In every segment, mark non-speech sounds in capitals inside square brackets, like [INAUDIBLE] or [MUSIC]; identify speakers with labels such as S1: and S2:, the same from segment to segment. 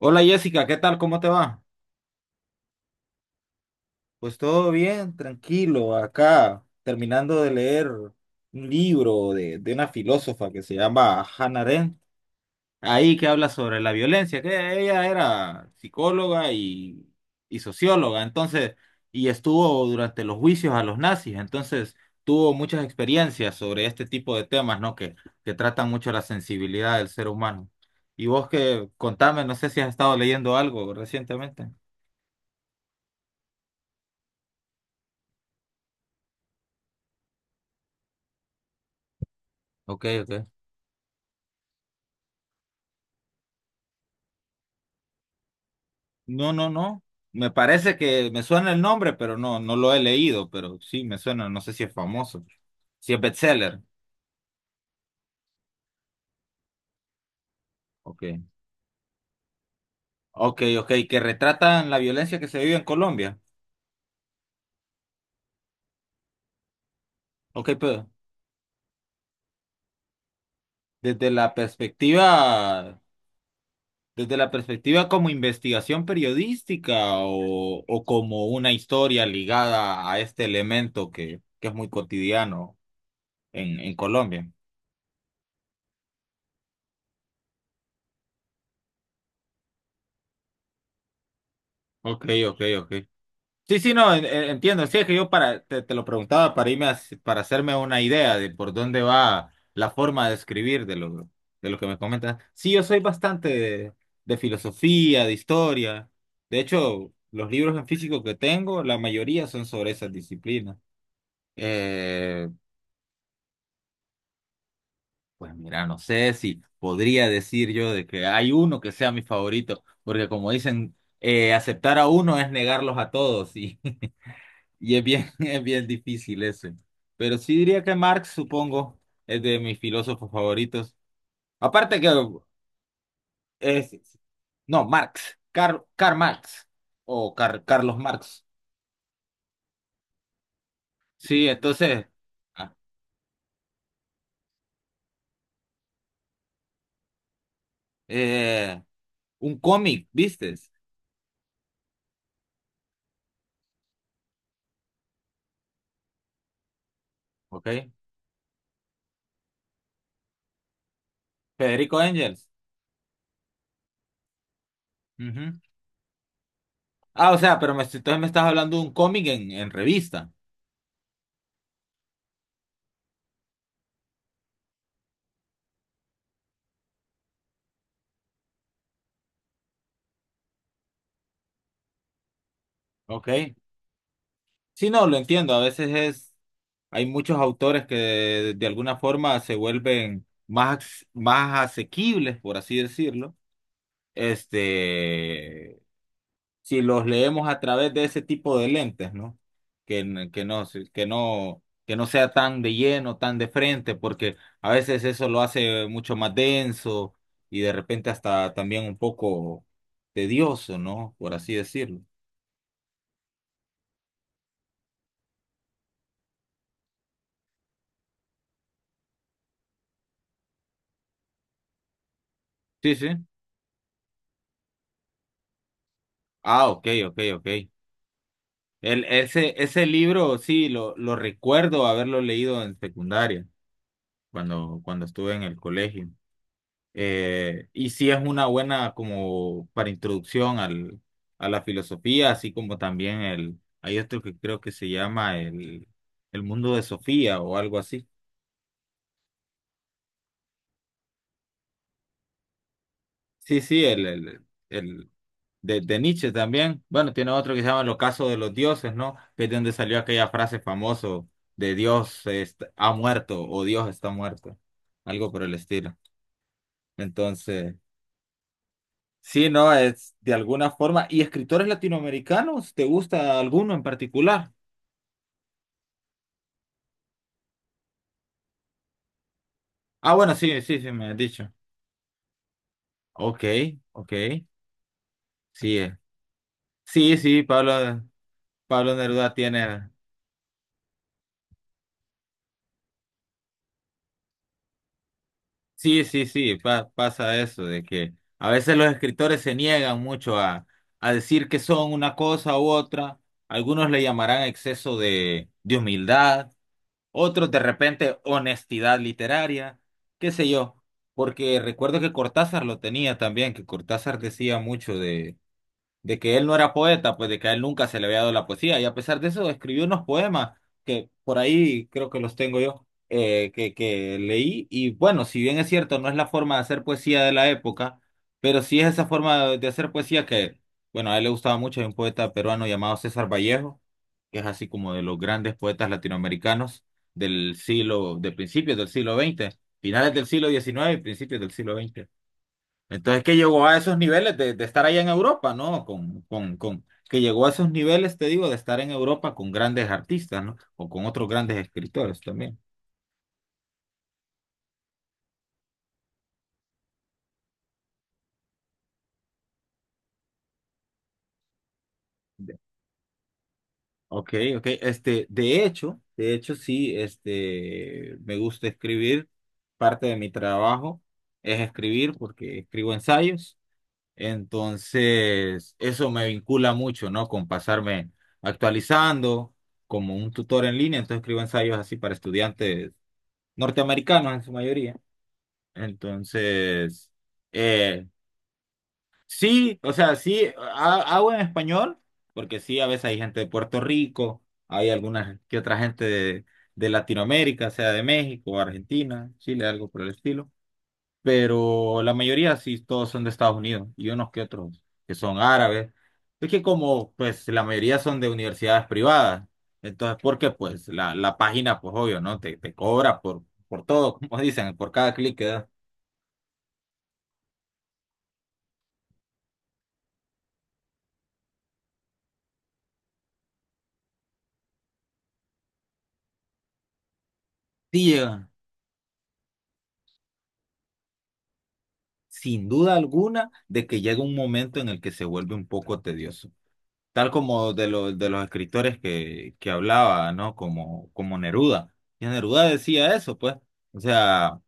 S1: Hola Jessica, ¿qué tal? ¿Cómo te va? Pues todo bien, tranquilo, acá terminando de leer un libro de una filósofa que se llama Hannah Arendt, ahí que habla sobre la violencia, que ella era psicóloga y socióloga, entonces, y estuvo durante los juicios a los nazis, entonces tuvo muchas experiencias sobre este tipo de temas, ¿no? Que tratan mucho la sensibilidad del ser humano. Y vos que contame, no sé si has estado leyendo algo recientemente. Ok, ok. No, no, no. Me parece que me suena el nombre, pero no, no lo he leído, pero sí me suena, no sé si es famoso. Si es bestseller. Ok. Ok, ok, que retratan la violencia que se vive en Colombia. Ok, pero desde la perspectiva, desde la perspectiva como investigación periodística o como una historia ligada a este elemento que es muy cotidiano en Colombia. Ok, ok, ok. Sí, sí, no, entiendo. Sí, es que yo para, te lo preguntaba para hacerme una idea de por dónde va la forma de escribir de lo que me comentas. Sí, yo soy bastante de filosofía, de historia. De hecho, los libros en físico que tengo, la mayoría son sobre esas disciplinas. Eh, pues mira, no sé si podría decir yo de que hay uno que sea mi favorito, porque como dicen, aceptar a uno es negarlos a todos. Y [LAUGHS] Y es bien, [LAUGHS] es bien difícil ese. Pero sí diría que Marx, supongo, es de mis filósofos favoritos. Aparte que es, no, Marx, Karl, Karl Marx o Carlos Marx. Sí, entonces, ah, eh, un cómic, ¿vistes? Ok. Federico Engels. Ujú. Ah, o sea, pero me, entonces me estás hablando de un cómic en revista. Ok. Sí, no, lo entiendo. Hay muchos autores de alguna forma se vuelven más asequibles, por así decirlo. Este, si los leemos a través de ese tipo de lentes, ¿no? Que, n- que no, se- que no sea tan de lleno, tan de frente, porque a veces eso lo hace mucho más denso y de repente hasta también un poco tedioso, ¿no? Por así decirlo. Sí, sí. Ah, ok, ok, ok. Ese libro, sí, lo recuerdo haberlo leído en secundaria, cuando estuve en el colegio. Y sí es una buena como para introducción a la filosofía, así como también el, hay otro que creo que se llama el mundo de Sofía o algo así. Sí, sí, de Nietzsche también. Bueno, tiene otro que se llama El ocaso de los dioses, ¿no? Que es de donde salió aquella frase famosa de ha muerto o Dios está muerto, algo por el estilo. Entonces, sí, no, es de alguna forma. ¿Y escritores latinoamericanos? ¿Te gusta alguno en particular? Ah, bueno, sí, sí, sí, me has dicho. Ok, ok, sí, eh. Sí, sí, Pablo Neruda tiene. Sí, sí, sí, pasa eso, de que a veces los escritores se niegan mucho a decir que son una cosa u otra. Algunos le llamarán exceso de humildad, otros de repente honestidad literaria, qué sé yo, porque recuerdo que Cortázar lo tenía también, que Cortázar decía mucho de que él no era poeta, pues de que a él nunca se le había dado la poesía, y a pesar de eso escribió unos poemas que por ahí creo que los tengo yo, que leí, y bueno, si bien es cierto, no es la forma de hacer poesía de la época, pero sí es esa forma de hacer poesía que, bueno, a él le gustaba mucho, hay un poeta peruano llamado César Vallejo, que es así como de los grandes poetas latinoamericanos del siglo, de principios del siglo XX, finales del siglo XIX y principios del siglo XX. Entonces que llegó a esos niveles de estar allá en Europa, ¿no? Que llegó a esos niveles, te digo, de estar en Europa con grandes artistas, ¿no? O con otros grandes escritores también. De- Ok, ok. Este, de hecho, sí, este, me gusta escribir. Parte de mi trabajo es escribir porque escribo ensayos. Entonces, eso me vincula mucho, ¿no? Con pasarme actualizando como un tutor en línea. Entonces escribo ensayos así para estudiantes norteamericanos en su mayoría. Entonces, eh, sí, o sea, sí, hago en español, porque sí, a veces hay gente de Puerto Rico, hay alguna que otra gente de Latinoamérica, sea de México, Argentina, Chile, algo por el estilo, pero la mayoría sí, todos son de Estados Unidos y unos que otros que son árabes. Es que como pues la mayoría son de universidades privadas, entonces porque pues la página pues obvio, ¿no? Te cobra por todo, [LAUGHS] como dicen, por cada clic que das. Sí llega, sin duda alguna, de que llega un momento en el que se vuelve un poco tedioso. Tal como los de los escritores que hablaba, ¿no? Como Neruda. Y Neruda decía eso, pues. O sea...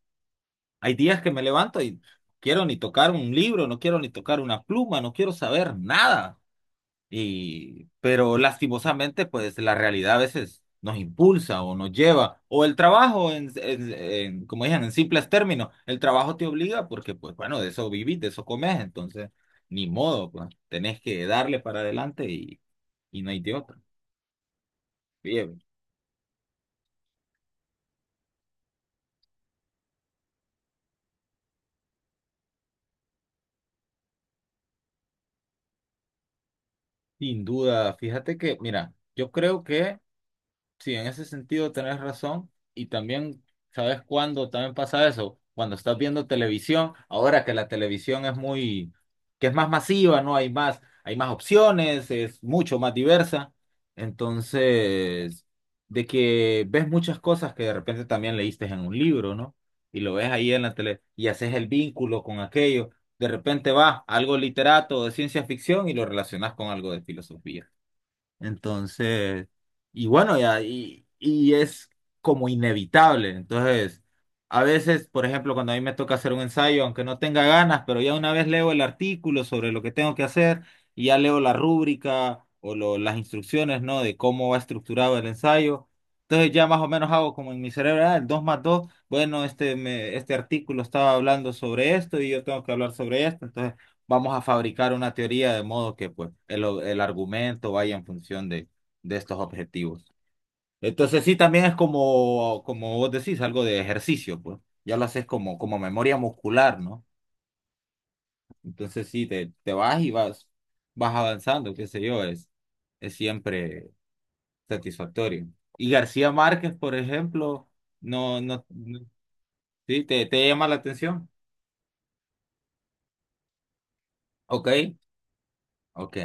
S1: Hay días que me levanto y quiero ni tocar un libro, no quiero ni tocar una pluma, no quiero saber nada. Y, pero lastimosamente, pues la realidad a veces nos impulsa o nos lleva, o el trabajo, como dicen, en simples términos, el trabajo te obliga porque, pues bueno, de eso vivís, de eso comes, entonces, ni modo, pues tenés que darle para adelante y no hay de otra. Bien, sin duda, fíjate que, mira, yo creo que... Sí, en ese sentido tenés razón. Y también, ¿sabes cuándo también pasa eso? Cuando estás viendo televisión, ahora que la televisión es muy, que es más masiva, ¿no? Hay más opciones, es mucho más diversa. Entonces, de que ves muchas cosas que de repente también leíste en un libro, ¿no? Y lo ves ahí en la tele y haces el vínculo con aquello. De repente vas a algo literato de ciencia ficción y lo relacionas con algo de filosofía. Entonces, y bueno, ya, y es como inevitable. Entonces, a veces, por ejemplo, cuando a mí me toca hacer un ensayo, aunque no tenga ganas, pero ya una vez leo el artículo sobre lo que tengo que hacer y ya leo la rúbrica o las instrucciones, ¿no? De cómo va estructurado el ensayo. Entonces ya más o menos hago como en mi cerebro, ah, el 2 más 2 bueno, este, me, este artículo estaba hablando sobre esto y yo tengo que hablar sobre esto. Entonces vamos a fabricar una teoría de modo que pues el argumento vaya en función de estos objetivos. Entonces sí, también es como, como vos decís, algo de ejercicio, pues. Ya lo haces como, como memoria muscular, ¿no? Entonces sí, te vas y vas, vas avanzando, qué sé yo, es siempre satisfactorio. Y García Márquez, por ejemplo, no, no, no- sí, te llama la atención. Ok, ok.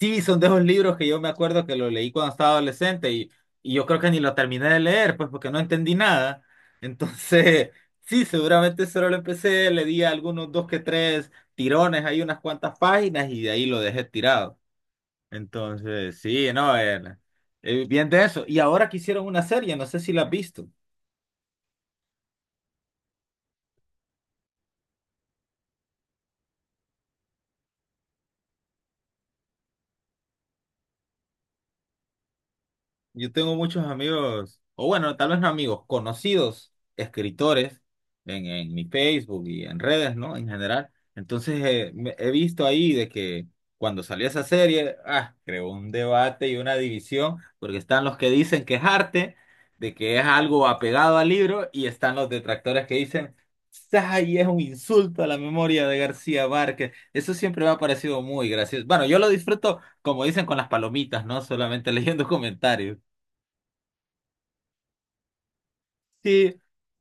S1: Sí, son de esos libros que yo me acuerdo que lo leí cuando estaba adolescente y yo creo que ni lo terminé de leer, pues porque no entendí nada. [LAUGHS] Entonces, sí, seguramente solo lo empecé, le di algunos dos que tres tirones, hay unas cuantas páginas y de ahí lo dejé tirado. Entonces, sí, no, era, bien de eso. Y ahora que hicieron una serie, no sé si la has visto. Yo tengo muchos amigos, o bueno, tal vez no amigos, conocidos escritores en mi Facebook y en redes, ¿no? En general. Entonces, he visto ahí de que cuando salió esa serie, ah, creó un debate y una división, porque están los que dicen que es arte, de que es algo apegado al libro, y están los detractores que dicen, ¡ay, es un insulto a la memoria de García Márquez! Eso siempre me ha parecido muy gracioso. Bueno, yo lo disfruto, como dicen, con las palomitas, ¿no? Solamente [LAUGHS] leyendo comentarios. Sí,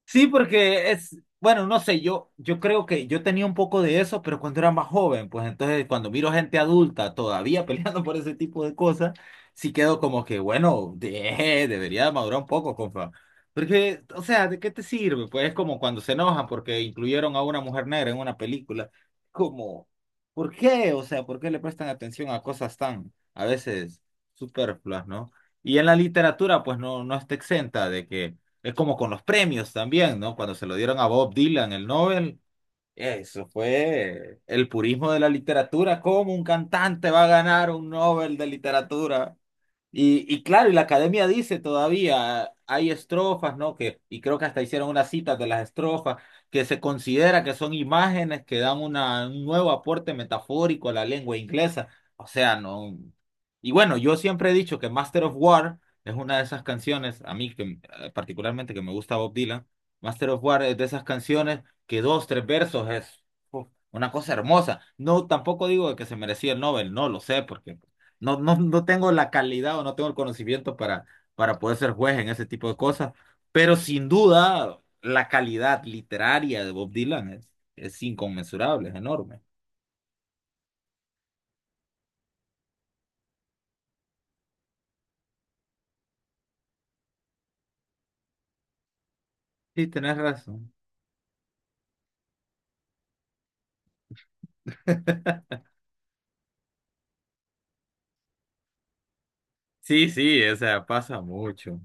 S1: sí, porque es, bueno, no sé, yo creo que yo tenía un poco de eso, pero cuando era más joven, pues entonces cuando miro gente adulta todavía [LAUGHS] peleando por ese tipo de cosas, sí quedo como que, bueno, debería madurar un poco, compa. Porque, o sea, ¿de qué te sirve? Pues es como cuando se enojan porque incluyeron a una mujer negra en una película. Como, ¿por qué? O sea, ¿por qué le prestan atención a cosas tan, a veces, superfluas, ¿no? Y en la literatura, pues no, no está exenta de que es como con los premios también, ¿no? Cuando se lo dieron a Bob Dylan el Nobel, eso fue el purismo de la literatura. ¿Cómo un cantante va a ganar un Nobel de literatura? Y claro, y la academia dice todavía, hay estrofas, ¿no? Que, y creo que hasta hicieron una cita de las estrofas, que se considera que son imágenes que dan una, un nuevo aporte metafórico a la lengua inglesa. O sea, no. Y bueno, yo siempre he dicho que Master of War es una de esas canciones, a mí que, particularmente que me gusta Bob Dylan, Master of War es de esas canciones que dos, tres versos es uf, una cosa hermosa. No, tampoco digo que se merecía el Nobel, no lo sé, porque no tengo la calidad o no tengo el conocimiento para poder ser juez en ese tipo de cosas, pero sin duda la calidad literaria de Bob Dylan es inconmensurable, es enorme. Sí, tenés razón. [LAUGHS] Sí, sí, o sea, pasa mucho.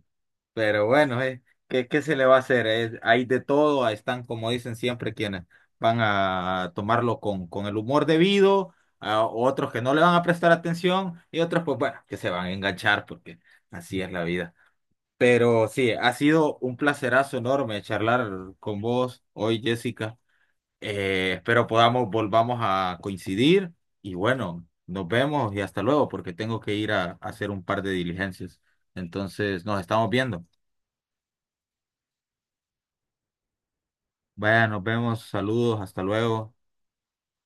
S1: Pero bueno, ¿qué, qué se le va a hacer? Es- hay de todo, ahí están, como dicen siempre, quienes van a tomarlo con el humor debido, a otros que no le van a prestar atención y otros, pues bueno, que se van a enganchar porque así es la vida. Pero sí, ha sido un placerazo enorme charlar con vos hoy, Jessica. Espero podamos, volvamos a coincidir y bueno, nos vemos y hasta luego porque tengo que ir a hacer un par de diligencias. Entonces, nos estamos viendo. Vaya, nos vemos, saludos, hasta luego.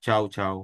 S1: Chao, chao.